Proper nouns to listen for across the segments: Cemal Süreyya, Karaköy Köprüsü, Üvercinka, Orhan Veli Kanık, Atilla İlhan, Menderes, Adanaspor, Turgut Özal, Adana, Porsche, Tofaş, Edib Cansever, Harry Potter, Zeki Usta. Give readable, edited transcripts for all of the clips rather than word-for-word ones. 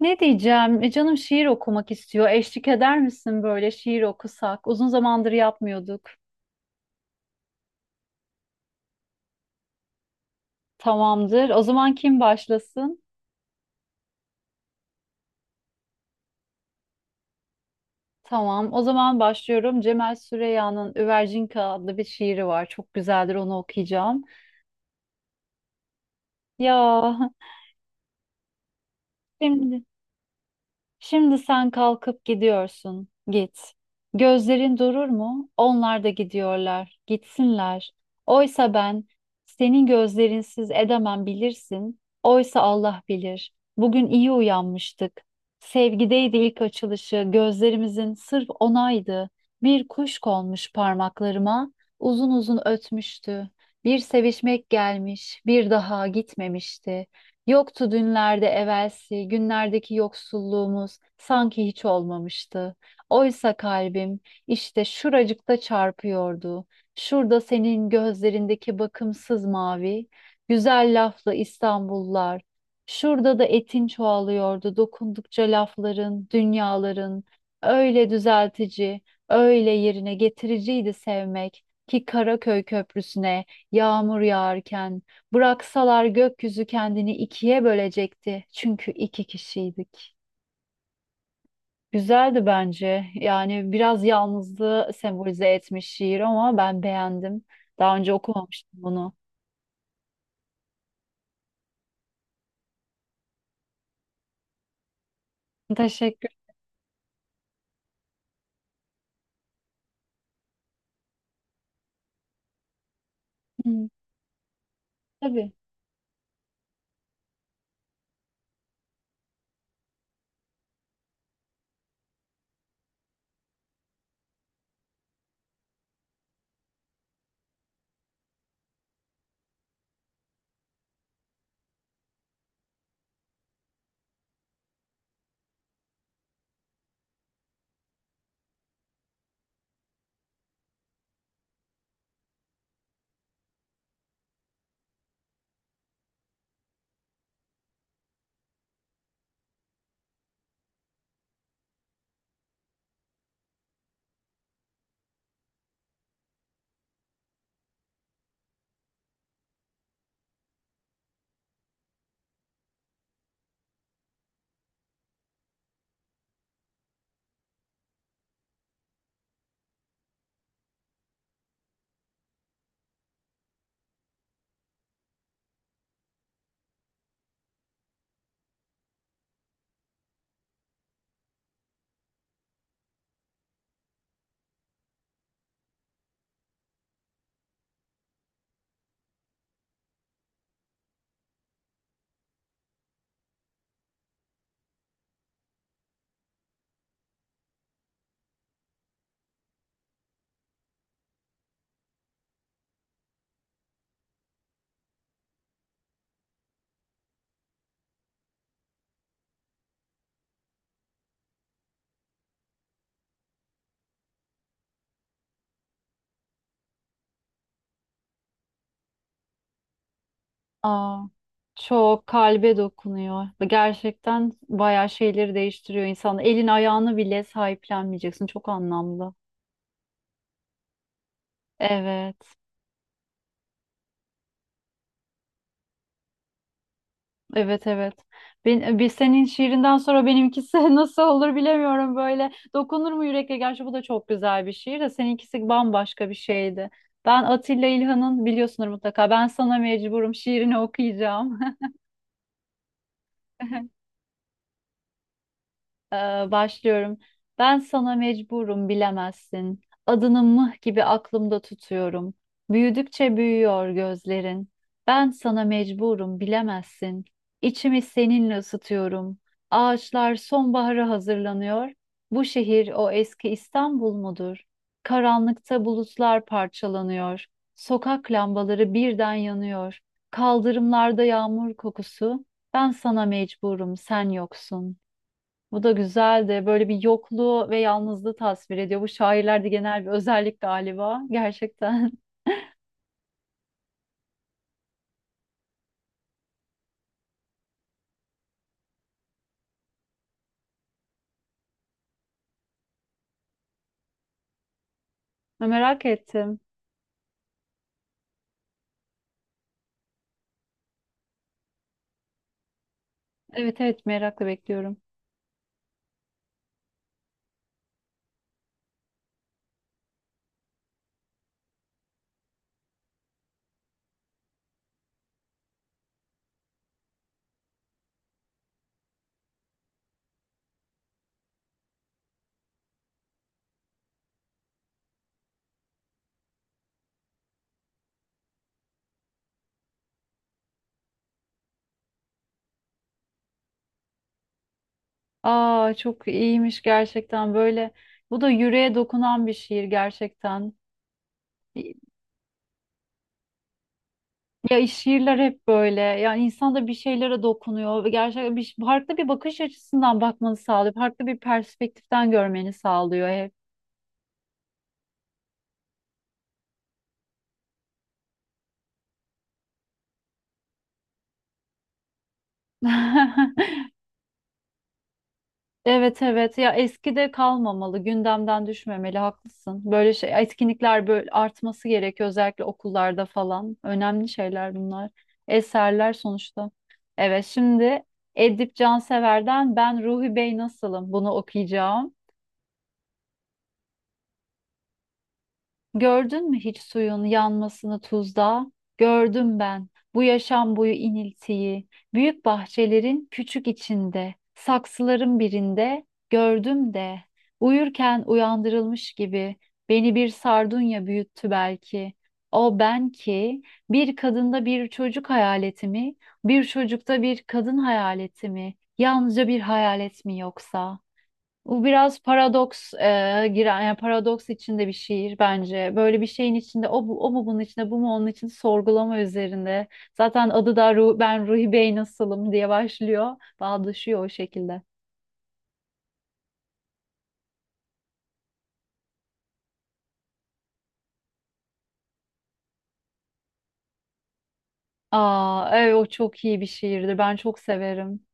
Ne diyeceğim? E, canım şiir okumak istiyor. Eşlik eder misin böyle şiir okusak? Uzun zamandır yapmıyorduk. Tamamdır. O zaman kim başlasın? Tamam. O zaman başlıyorum. Cemal Süreyya'nın Üvercinka adlı bir şiiri var. Çok güzeldir. Onu okuyacağım. Ya şimdi Şimdi sen kalkıp gidiyorsun. Git. Gözlerin durur mu? Onlar da gidiyorlar. Gitsinler. Oysa ben senin gözlerinsiz edemem bilirsin. Oysa Allah bilir. Bugün iyi uyanmıştık. Sevgideydi ilk açılışı. Gözlerimizin sırf onaydı. Bir kuş konmuş parmaklarıma. Uzun uzun ötmüştü. Bir sevişmek gelmiş, bir daha gitmemişti. Yoktu dünlerde evvelsi, günlerdeki yoksulluğumuz sanki hiç olmamıştı. Oysa kalbim işte şuracıkta çarpıyordu. Şurada senin gözlerindeki bakımsız mavi, güzel laflı İstanbullar. Şurada da etin çoğalıyordu dokundukça lafların, dünyaların. Öyle düzeltici, öyle yerine getiriciydi sevmek ki Karaköy Köprüsü'ne yağmur yağarken bıraksalar gökyüzü kendini ikiye bölecekti. Çünkü iki kişiydik. Güzeldi bence. Yani biraz yalnızlığı sembolize etmiş şiir ama ben beğendim. Daha önce okumamıştım bunu. Teşekkür. Hı, tabii. Aa, çok kalbe dokunuyor. Gerçekten bayağı şeyleri değiştiriyor insan. Elin ayağını bile sahiplenmeyeceksin. Çok anlamlı. Evet. Evet evet. Ben, bir senin şiirinden sonra benimkisi nasıl olur bilemiyorum böyle. Dokunur mu yürekle? Gerçi bu da çok güzel bir şiir de seninkisi bambaşka bir şeydi. Ben Atilla İlhan'ın biliyorsunuz mutlaka. Ben sana mecburum şiirini okuyacağım. Ee, başlıyorum. Ben sana mecburum bilemezsin. Adını mıh gibi aklımda tutuyorum. Büyüdükçe büyüyor gözlerin. Ben sana mecburum bilemezsin. İçimi seninle ısıtıyorum. Ağaçlar sonbahara hazırlanıyor. Bu şehir o eski İstanbul mudur? Karanlıkta bulutlar parçalanıyor. Sokak lambaları birden yanıyor. Kaldırımlarda yağmur kokusu. Ben sana mecburum, sen yoksun. Bu da güzel de böyle bir yokluğu ve yalnızlığı tasvir ediyor. Bu şairlerde genel bir özellik galiba. Gerçekten. Merak ettim. Evet evet, merakla bekliyorum. Aa, çok iyiymiş gerçekten böyle. Bu da yüreğe dokunan bir şiir gerçekten. Ya şiirler hep böyle. Yani insan da bir şeylere dokunuyor ve gerçekten bir, farklı bir bakış açısından bakmanı sağlıyor. Farklı bir perspektiften görmeni sağlıyor hep. Evet evet, ya eskide kalmamalı, gündemden düşmemeli, haklısın. Böyle şey etkinlikler böyle artması gerekiyor özellikle okullarda falan. Önemli şeyler bunlar. Eserler sonuçta. Evet, şimdi Edip Cansever'den Ben Ruhi Bey Nasılım, bunu okuyacağım. Gördün mü hiç suyun yanmasını tuzda? Gördüm ben bu yaşam boyu iniltiyi. Büyük bahçelerin küçük içinde, saksıların birinde gördüm de. Uyurken uyandırılmış gibi beni bir sardunya büyüttü belki. O ben ki bir kadında bir çocuk hayaleti mi, bir çocukta bir kadın hayaleti mi, yalnızca bir hayalet mi yoksa? Bu biraz paradoks giren, yani paradoks içinde bir şiir bence. Böyle bir şeyin içinde o, bu, o mu bunun içinde bu mu onun için sorgulama üzerinde. Zaten adı da ben Ruhi Bey nasılım diye başlıyor. Bağdaşıyor o şekilde. Aa, evet, o çok iyi bir şiirdir. Ben çok severim.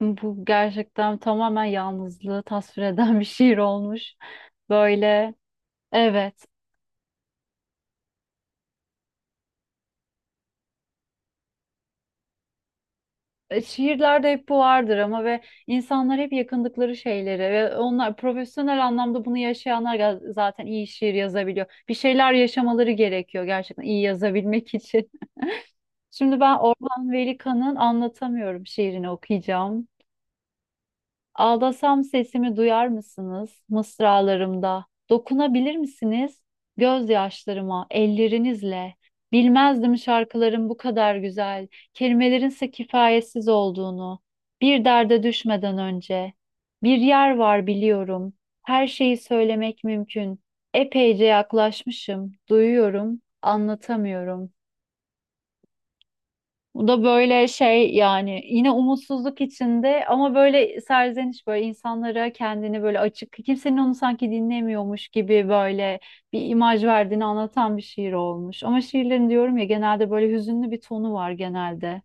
Bu gerçekten tamamen yalnızlığı tasvir eden bir şiir olmuş. Böyle evet. Şiirlerde hep bu vardır ama ve insanlar hep yakındıkları şeyleri ve onlar profesyonel anlamda bunu yaşayanlar zaten iyi şiir yazabiliyor. Bir şeyler yaşamaları gerekiyor gerçekten iyi yazabilmek için. Şimdi ben Orhan Veli Kanık'ın Anlatamıyorum şiirini okuyacağım. Ağlasam sesimi duyar mısınız mısralarımda? Dokunabilir misiniz gözyaşlarıma, ellerinizle? Bilmezdim şarkıların bu kadar güzel, kelimelerin ise kifayetsiz olduğunu. Bir derde düşmeden önce. Bir yer var, biliyorum. Her şeyi söylemek mümkün. Epeyce yaklaşmışım, duyuyorum, anlatamıyorum. Bu da böyle şey, yani yine umutsuzluk içinde ama böyle serzeniş, böyle insanlara kendini böyle açık, kimsenin onu sanki dinlemiyormuş gibi böyle bir imaj verdiğini anlatan bir şiir olmuş. Ama şiirlerin diyorum ya, genelde böyle hüzünlü bir tonu var genelde.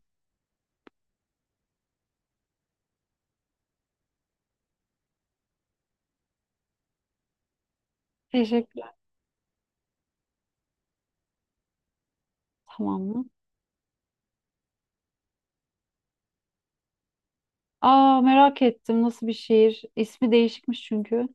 Teşekkürler. Tamam mı? Aa, merak ettim, nasıl bir şiir? İsmi değişikmiş çünkü.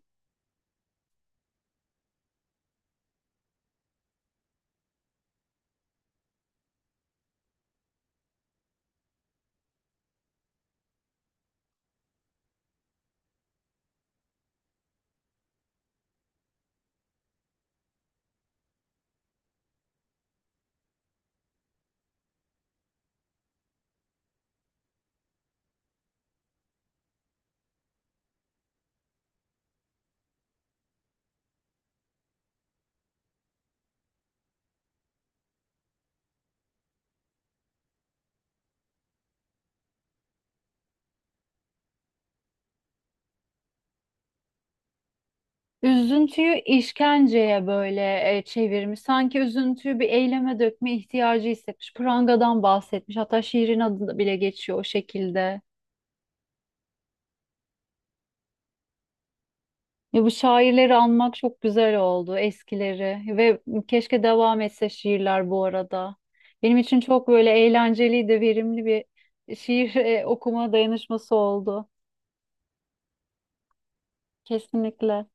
Üzüntüyü işkenceye böyle çevirmiş. Sanki üzüntüyü bir eyleme dökme ihtiyacı hissetmiş. Prangadan bahsetmiş. Hatta şiirin adı da bile geçiyor o şekilde. Ya, bu şairleri anmak çok güzel oldu, eskileri ve keşke devam etse şiirler bu arada. Benim için çok böyle eğlenceli de verimli bir şiir okuma dayanışması oldu. Kesinlikle.